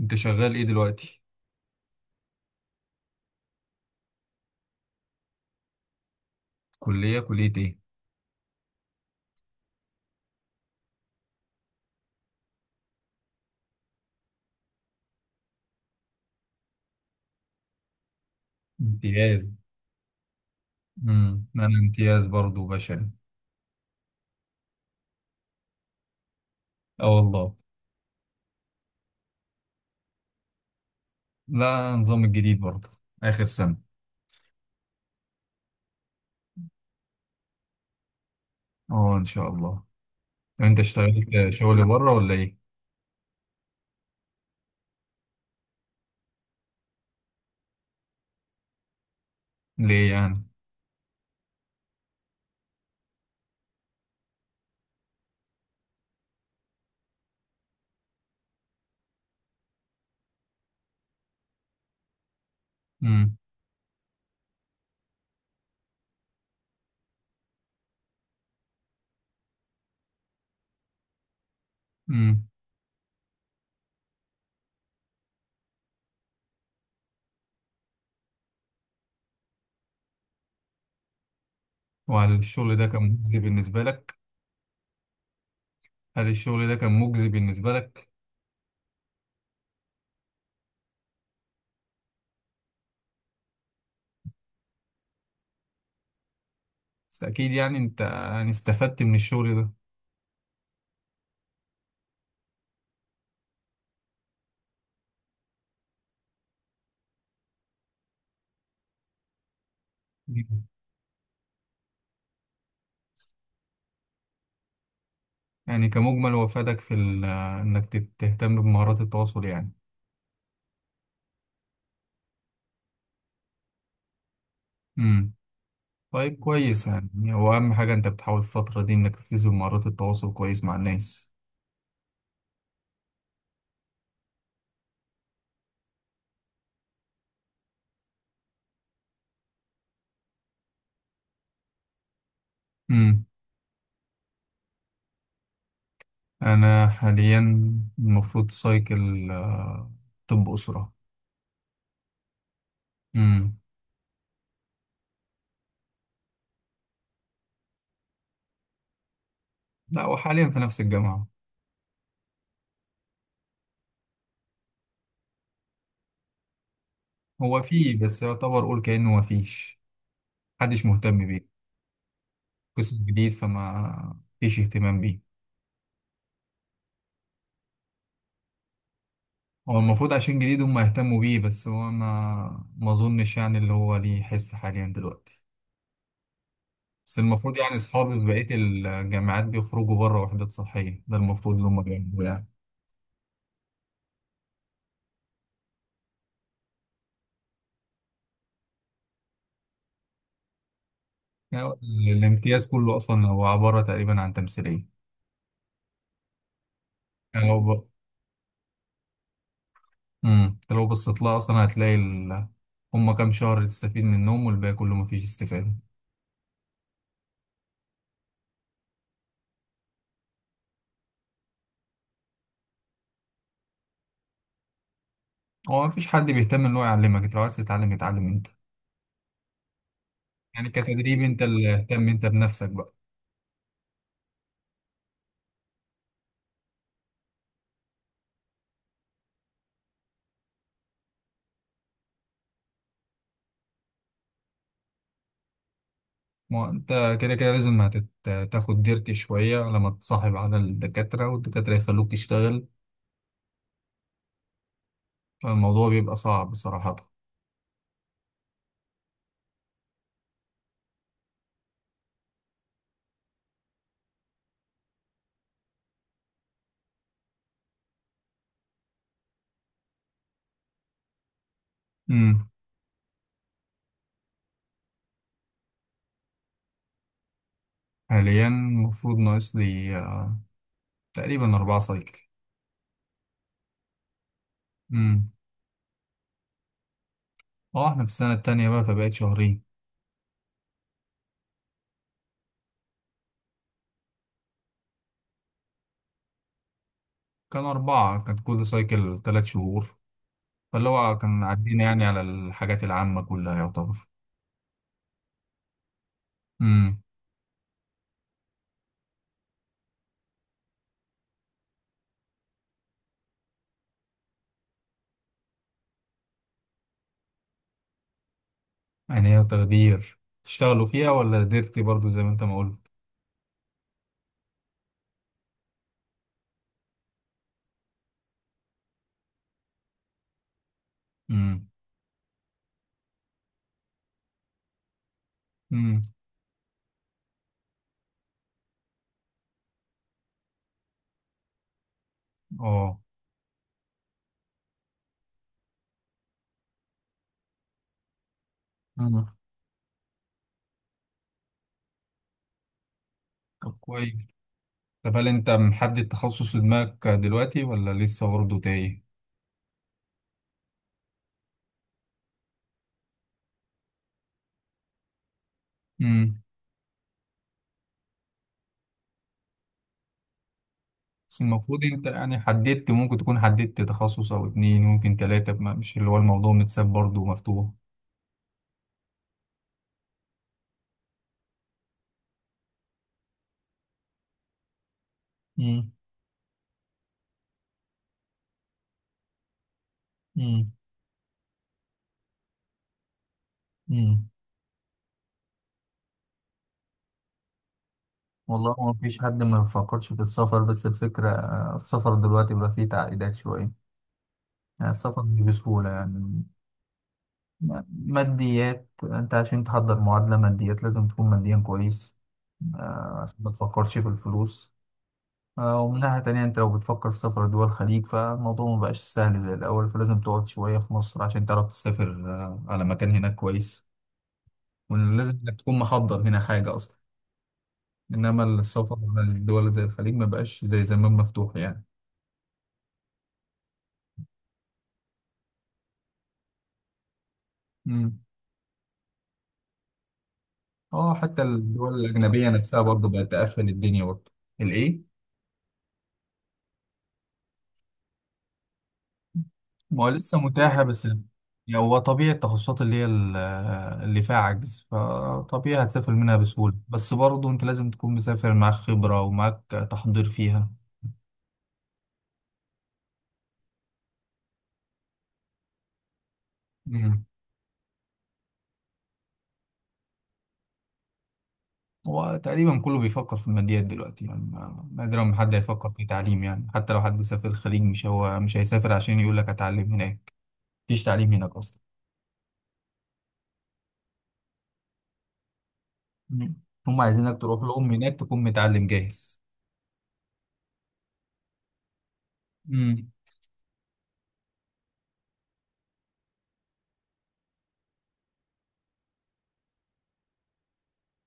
انت شغال ايه دلوقتي؟ كلية ايه؟ امتياز. انا امتياز برضو بشري. اه، والله. لا، النظام الجديد برضو. اخر سنة. اه، ان شاء الله. طب انت اشتغلت شغل بره ولا ايه؟ ليه يعني؟ امم. امم. وهل الشغل ده كان مجزي بالنسبة لك؟ هل الشغل ده كان مجزي بالنسبة لك؟ بس اكيد يعني انت يعني استفدت من الشغل ده. يعني كمجمل وفادك انك تهتم بمهارات التواصل. يعني طيب كويس، يعني هو أهم حاجة أنت بتحاول الفترة دي إنك تركز بمهارات التواصل كويس مع الناس. مم. أنا حاليا المفروض سايكل طب أسرة. مم. لا، وحاليا في نفس الجامعة. هو فيه بس يعتبر قول كأنه مفيش. محدش مهتم بيه. قسم جديد فما فيش اهتمام بيه. هو المفروض عشان جديد هم يهتموا بيه، بس هو ما أظنش يعني اللي هو ليه حس حاليا دلوقتي. بس المفروض يعني أصحابي في بقية الجامعات بيخرجوا بره وحدات صحية، ده المفروض اللي هم بيعملوه يعني. يعني الامتياز كله أصلا هو عبارة تقريبا عن تمثيلية. يعني لو ب... مم. أنت لو بصيت لها أصلا هم كام شهر تستفيد منهم والباقي كله مفيش استفادة. هو مفيش حد بيهتم إن هو يعلمك، أنت لو عايز تتعلم اتعلم أنت. يعني كتدريب أنت اللي اهتم أنت بنفسك بقى. ما هو أنت كده كده لازم تاخد ديرتي شوية لما تتصاحب على الدكاترة والدكاترة يخلوك تشتغل. الموضوع بيبقى صعب صراحة. امم. حاليا المفروض ناقص لي تقريبا 4 سايكل. امم. اه، احنا في السنة التانية بقى فبقت شهرين. كان أربعة، كانت كل سايكل 3 شهور. فاللي هو كان عدينا يعني على الحاجات العامة كلها يعتبر. امم. يعني هي تقدير تشتغلوا فيها ولا قدرتي برضو زي ما انت ما قلت. امم. امم. اه. امم. طب كويس. طب هل انت محدد تخصص في دماغك دلوقتي ولا لسه برضه تايه؟ امم. بس المفروض انت يعني حددت، ممكن تكون حددت تخصص او اتنين، ممكن تلاتة، مش اللي هو الموضوع متساب برضه مفتوح. مم. مم. مم. والله ما فيش حد ما بيفكرش في السفر، بس الفكرة السفر دلوقتي بقى فيه تعقيدات شوية. يعني السفر مش بسهولة يعني. م- ماديات انت عشان تحضر معادلة ماديات لازم تكون ماديا كويس. عشان ما تفكرش في الفلوس. ومن ناحية تانية أنت لو بتفكر في سفر دول الخليج فالموضوع مبقاش سهل زي الأول، فلازم تقعد شوية في مصر عشان تعرف تسافر على مكان هناك كويس. ولازم إنك تكون محضر هنا حاجة أصلا. إنما السفر للدول زي الخليج مبقاش زي زمان مفتوح يعني. مم. اه، حتى الدول الأجنبية نفسها برضه بقت تقفل الدنيا برضه. الإيه؟ ما هو لسه متاحة يعني هو طبيعي التخصصات اللي فيها عجز فطبيعي هتسافر منها بسهولة، بس برضه أنت لازم تكون مسافر معاك خبرة ومعاك تحضير فيها. مم. هو تقريبا كله بيفكر في الماديات دلوقتي، يعني نادرا ما حد هيفكر في تعليم، يعني حتى لو حد سافر الخليج مش هو مش هيسافر عشان يقول لك هتعلم هناك. مفيش تعليم هناك أصلا. مم. هم عايزينك تروح لهم هناك تكون متعلم جاهز. مم.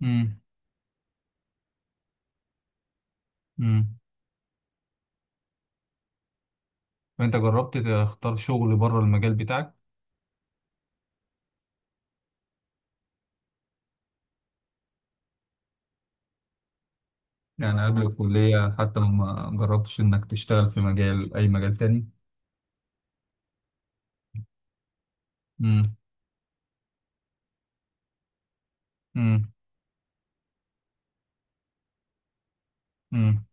مم. امم. فأنت جربت تختار شغل بره المجال بتاعك؟ يعني قبل الكلية حتى ما جربتش إنك تشتغل في مجال أي مجال تاني؟ مم. مم. مم.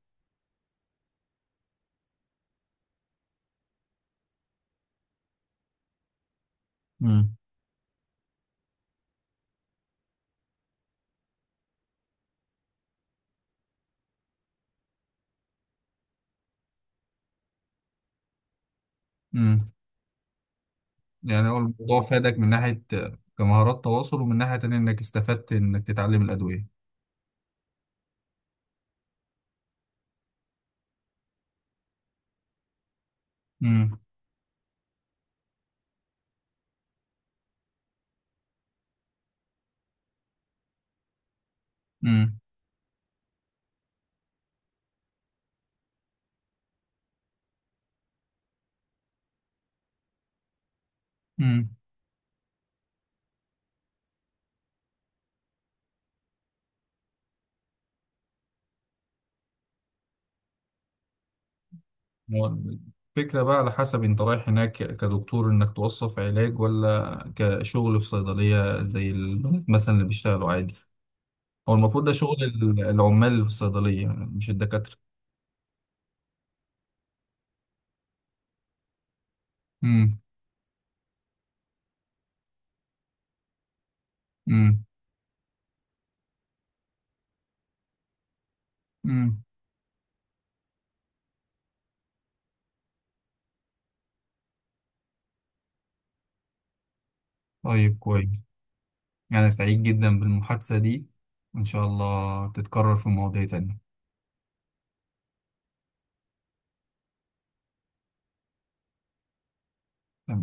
مم. مم. يعني هو الموضوع فادك من ناحية كمهارات تواصل، ومن ناحية تانية إنك استفدت إنك تتعلم الأدوية. مم. مم. مم. هو الفكرة بقى على حسب أنت رايح هناك كدكتور إنك توصف علاج ولا كشغل في صيدلية زي البنات مثلا اللي بيشتغلوا عادي. هو المفروض ده شغل العمال في الصيدلية مش الدكاترة. مم. مم. مم. طيب كويس. أنا سعيد جدا بالمحادثة دي، وإن شاء الله تتكرر في مواضيع تانية. تمام.